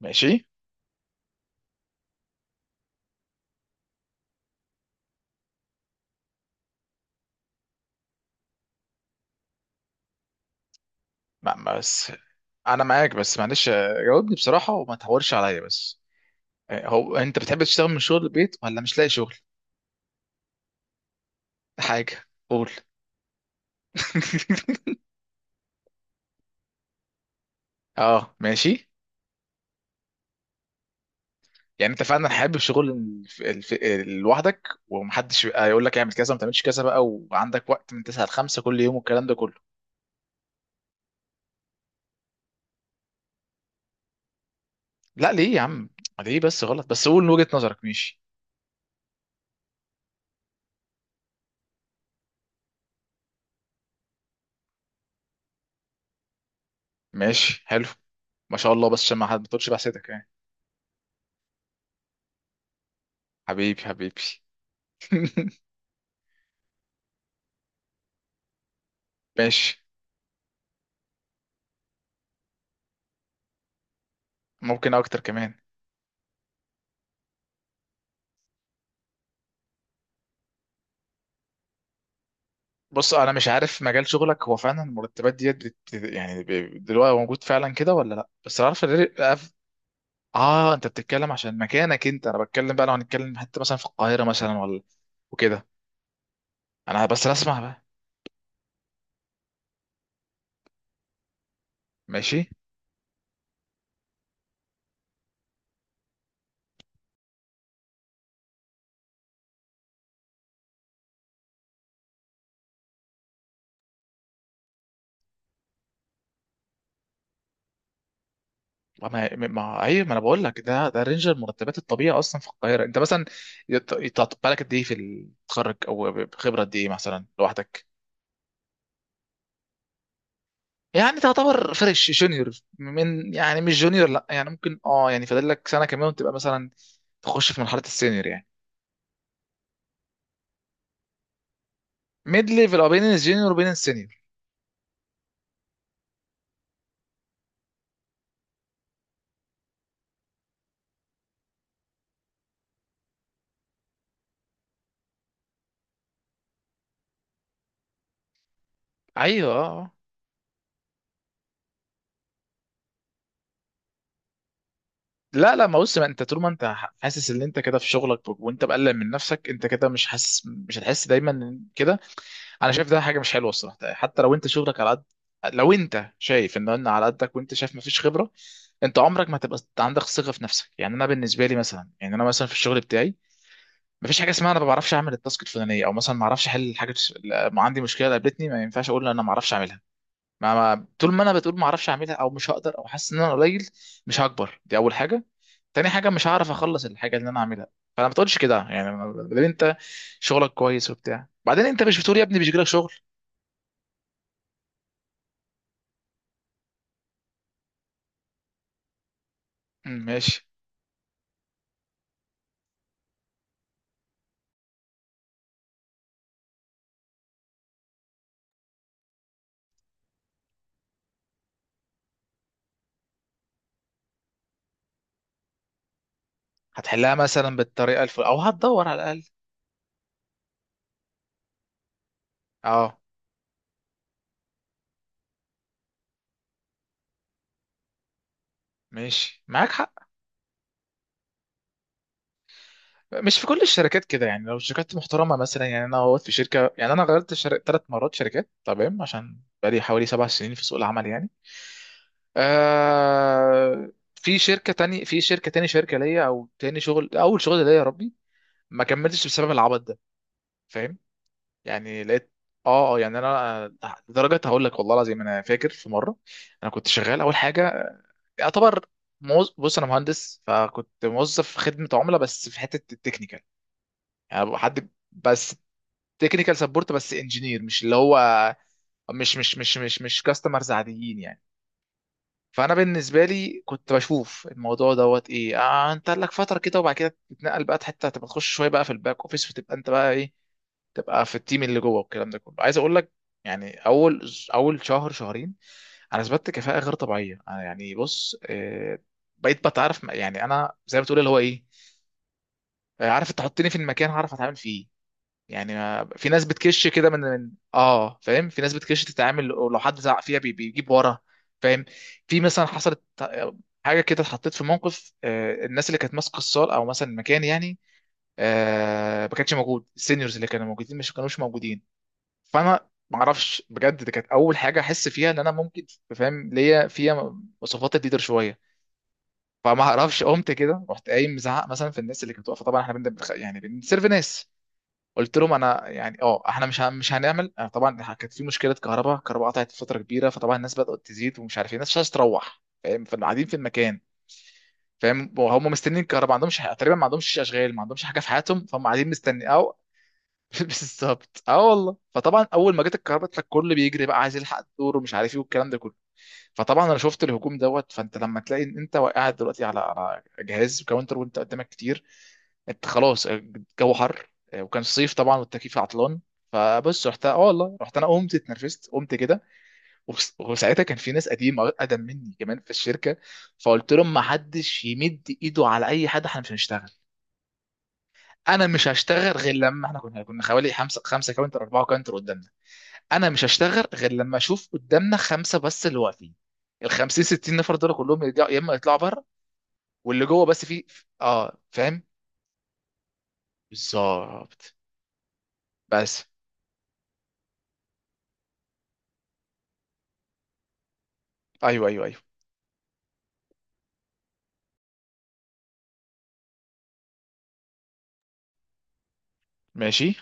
ماشي. بس انا معاك، بس معلش. جاوبني بصراحه وما تحورش عليا بس. هو انت بتحب تشتغل من شغل البيت ولا مش لاقي شغل؟ حاجه، قول. اه ماشي. يعني انت فعلا حابب شغل لوحدك ومحدش يبقى يقول لك اعمل كذا وما تعملش كذا بقى، وعندك وقت من 9 ل 5 كل يوم والكلام ده كله؟ لا ليه يا عم؟ ليه بس غلط؟ بس قول وجهة نظرك. ماشي، ماشي حلو. ما شاء الله، بس عشان ما حد ما تقولش بحسدك يعني. حبيبي حبيبي. ماشي، ممكن اكتر كمان. بص انا مش عارف مجال شغلك، هو فعلا المرتبات ديت دلوقتي موجود فعلا كده ولا لا؟ بس عارف اه انت بتتكلم عشان مكانك انت، انا بتكلم بقى لو هنتكلم حتى مثلا في القاهره مثلا ولا وكده. انا بس اسمع بقى. ماشي. ما ايوه، ما انا بقول لك ده، ده رينج المرتبات الطبيعي اصلا في القاهره. انت مثلا يتعطى بالك قد ايه في التخرج، او خبره قد ايه مثلا لوحدك؟ يعني تعتبر فريش جونيور، من يعني مش جونيور، لا يعني ممكن اه، يعني فاضل لك سنه كمان وتبقى مثلا تخش في مرحله السينيور يعني. ميد ليفل او بين الجونيور وبين السينيور. ايوه آه. لا لا. ما بص، ما انت طول ما انت حاسس ان انت كده في شغلك، وانت مقلق من نفسك، انت كده مش حاسس، مش هتحس دايما إن كده. انا شايف ده حاجه مش حلوه الصراحه يعني. حتى لو انت شغلك على قد، لو انت شايف ان انا على قدك، وانت شايف مفيش خبره، انت عمرك ما هتبقى عندك ثقه في نفسك يعني. انا بالنسبه لي مثلا، يعني انا مثلا في الشغل بتاعي، مفيش حاجه اسمها انا ما بعرفش اعمل التاسك الفلانيه، او مثلا ما اعرفش احل حاجه. ما عندي مشكله قابلتني ما ينفعش اقول انا ما اعرفش اعملها. ما طول ما انا بتقول ما اعرفش اعملها، او مش هقدر، او حاسس ان انا قليل، مش هكبر. دي اول حاجه. تاني حاجه، مش هعرف اخلص الحاجه اللي انا عاملها. فانا ما تقولش كده يعني. ما- ما دام انت شغلك كويس وبتاع، بعدين انت مش بتقول يا ابني مش جالك شغل. مم، ماشي. هتحلها مثلا بالطريقه الفل، او هتدور على الاقل. اه ماشي، معاك حق. مش في كل الشركات كده يعني، لو شركات محترمه مثلا. يعني انا وقت في شركه، يعني انا غيرت 3 مرات شركات، تمام؟ عشان بقالي حوالي 7 سنين في سوق العمل يعني. آه... في شركه تاني، في شركه تاني، شركه ليا او تاني شغل، اول شغل ليا يا ربي، ما كملتش بسبب العبط ده، فاهم؟ يعني لقيت، اه اه. يعني انا لدرجه هقول لك والله العظيم، انا فاكر في مره، انا كنت شغال اول حاجه، يعتبر بص انا مهندس، فكنت موظف في خدمه عملاء بس في حته التكنيكال. يعني حد بس تكنيكال سبورت، بس انجينير، مش اللي هو مش كاستمرز عاديين يعني. فانا بالنسبه لي كنت بشوف الموضوع دوت ايه، آه انت لك فتره كده وبعد كده تتنقل بقى حته، تبقى تخش شويه بقى في الباك اوفيس، وتبقى انت بقى ايه، تبقى في التيم اللي جوه والكلام ده كله. عايز اقول لك، يعني اول شهر شهرين انا اثبتت كفاءه غير طبيعيه. أنا يعني بص، بقيت بتعرف يعني. انا زي ما بتقول اللي هو ايه، عارف تحطني في المكان هعرف اتعامل فيه. يعني ما في ناس بتكش كده من اه فاهم. في ناس بتكش تتعامل ولو حد زعق فيها بيجيب ورا، فاهم؟ في مثلا حصلت حاجه كده، اتحطيت في موقف. الناس اللي كانت ماسكه الصال او مثلا المكان يعني، ما كانش موجود، السينيورز اللي كانوا موجودين مش كانوش موجودين. فانا ما اعرفش بجد، دي كانت اول حاجه احس فيها ان انا ممكن، فاهم، ليا فيها مواصفات الليدر شويه. فما اعرفش، قمت كده رحت قايم مزعق مثلا في الناس اللي كانت واقفه. طبعا احنا بنبخ... يعني بنسيرف ناس. قلت لهم انا يعني اه احنا مش هنعمل، طبعا كانت في مشكله كهرباء، الكهرباء قطعت فتره كبيره، فطبعا الناس بدات تزيد، ومش عارف ايه، الناس مش عايزه تروح، فاهم؟ فقاعدين في المكان، فاهم. هم مستنيين الكهرباء، ما عندهمش حاجة، تقريبا ما عندهمش اشغال، ما عندهمش حاجه في حياتهم، فهم قاعدين مستني او. بالظبط، اه والله. فطبعا اول ما جت الكهرباء، الكل بيجري بقى عايز يلحق الدور، ومش عارف ايه والكلام ده كله. فطبعا انا شفت الهجوم دوت. فانت لما تلاقي ان انت قاعد دلوقتي على جهاز كاونتر، وانت قدامك كتير، انت خلاص. الجو حر، وكان صيف طبعا والتكييف عطلان. فبص، رحت اه والله، رحت انا قمت اتنرفزت، قمت كده وساعتها كان في ناس قديمه، اقدم مني كمان في الشركه. فقلت لهم ما حدش يمد ايده على اي حد، احنا مش هنشتغل. انا مش هشتغل غير لما، احنا كنا حوالي خمسه، خمسه كاونتر اربعه كاونتر قدامنا. انا مش هشتغل غير لما اشوف قدامنا خمسه بس اللي واقفين. ال 50 60 نفر دول كلهم يرجعوا، يا اما يطلعوا بره، واللي جوه بس فيه، اه فاهم. بالظبط. بس، ايوه ايوه ايوه. ماشي.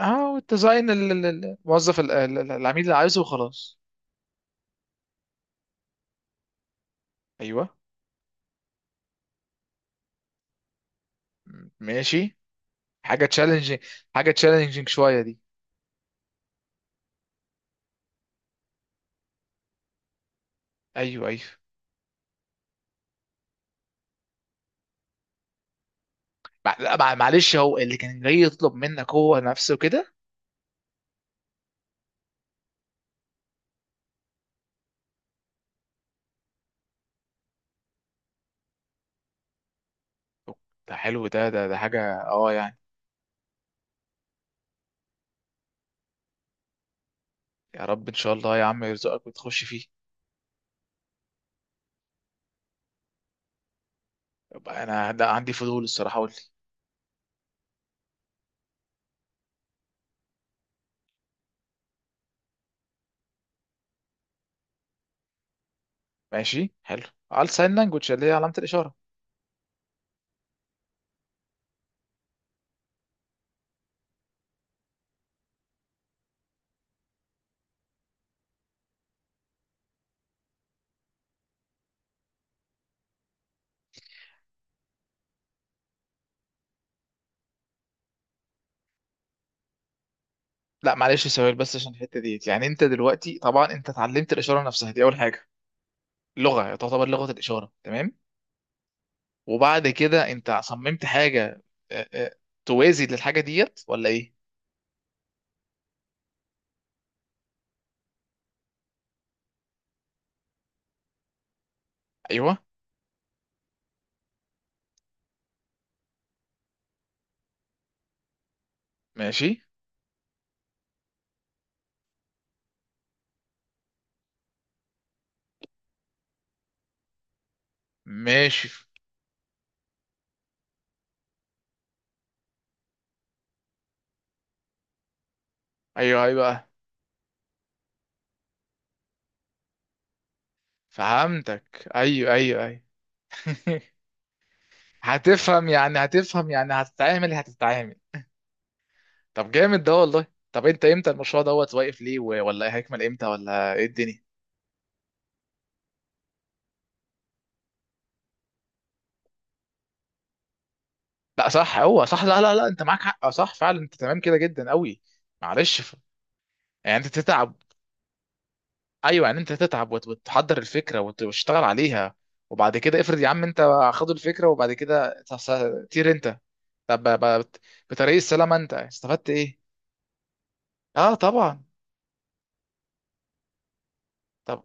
اه، والديزاين الموظف، العميل اللي عايزه وخلاص. ايوه. م- ماشي. حاجه تشالنجينج، حاجه تشالنجينج شويه دي. ايوه ايوه. مع- لا مع- معلش، هو اللي كان جاي يطلب منك هو نفسه كده؟ ده حلو، ده حاجة اه يعني. يا رب ان شاء الله يا عم يرزقك وتخش فيه. يبقى انا ده عندي فضول الصراحة، قول لي. ماشي حلو، على ساين لانجوج اللي هي علامة الإشارة. لا معلش، سؤال بس عشان الحتة ديت. يعني انت دلوقتي طبعا انت اتعلمت الإشارة نفسها، دي اول حاجة، لغة، تعتبر لغة الإشارة، تمام. وبعد كده انت صممت حاجة، آه، آه، توازي للحاجة ديت ولا ايه؟ ايوه، ماشي، ماشي. ايوه ايوه، فهمتك، ايوه ايوه ايوه. هتفهم يعني هتفهم، يعني هتتعامل هتتعامل. طب جامد ده والله. طب انت امتى المشروع دوت واقف ليه، ولا ايه هيكمل امتى، ولا ايه الدنيا؟ لا صح، هو صح، لا لا لا، انت معاك حق، صح فعلا، انت تمام كده جدا قوي. معلش ف... يعني انت تتعب، ايوه يعني انت تتعب وتحضر الفكره وتشتغل عليها، وبعد كده افرض يا عم انت خد الفكره، وبعد كده طير انت. طب بطريق السلامه انت استفدت ايه؟ اه طبعا. طب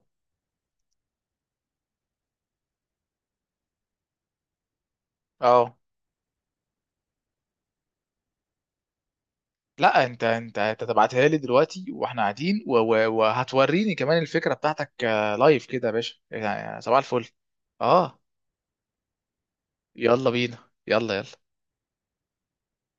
اه، لا انت انت تبعتها لي دلوقتي واحنا قاعدين، وهتوريني كمان الفكره بتاعتك لايف كده يا باشا، يعني صباح الفل. اه، يلا بينا، يلا يلا.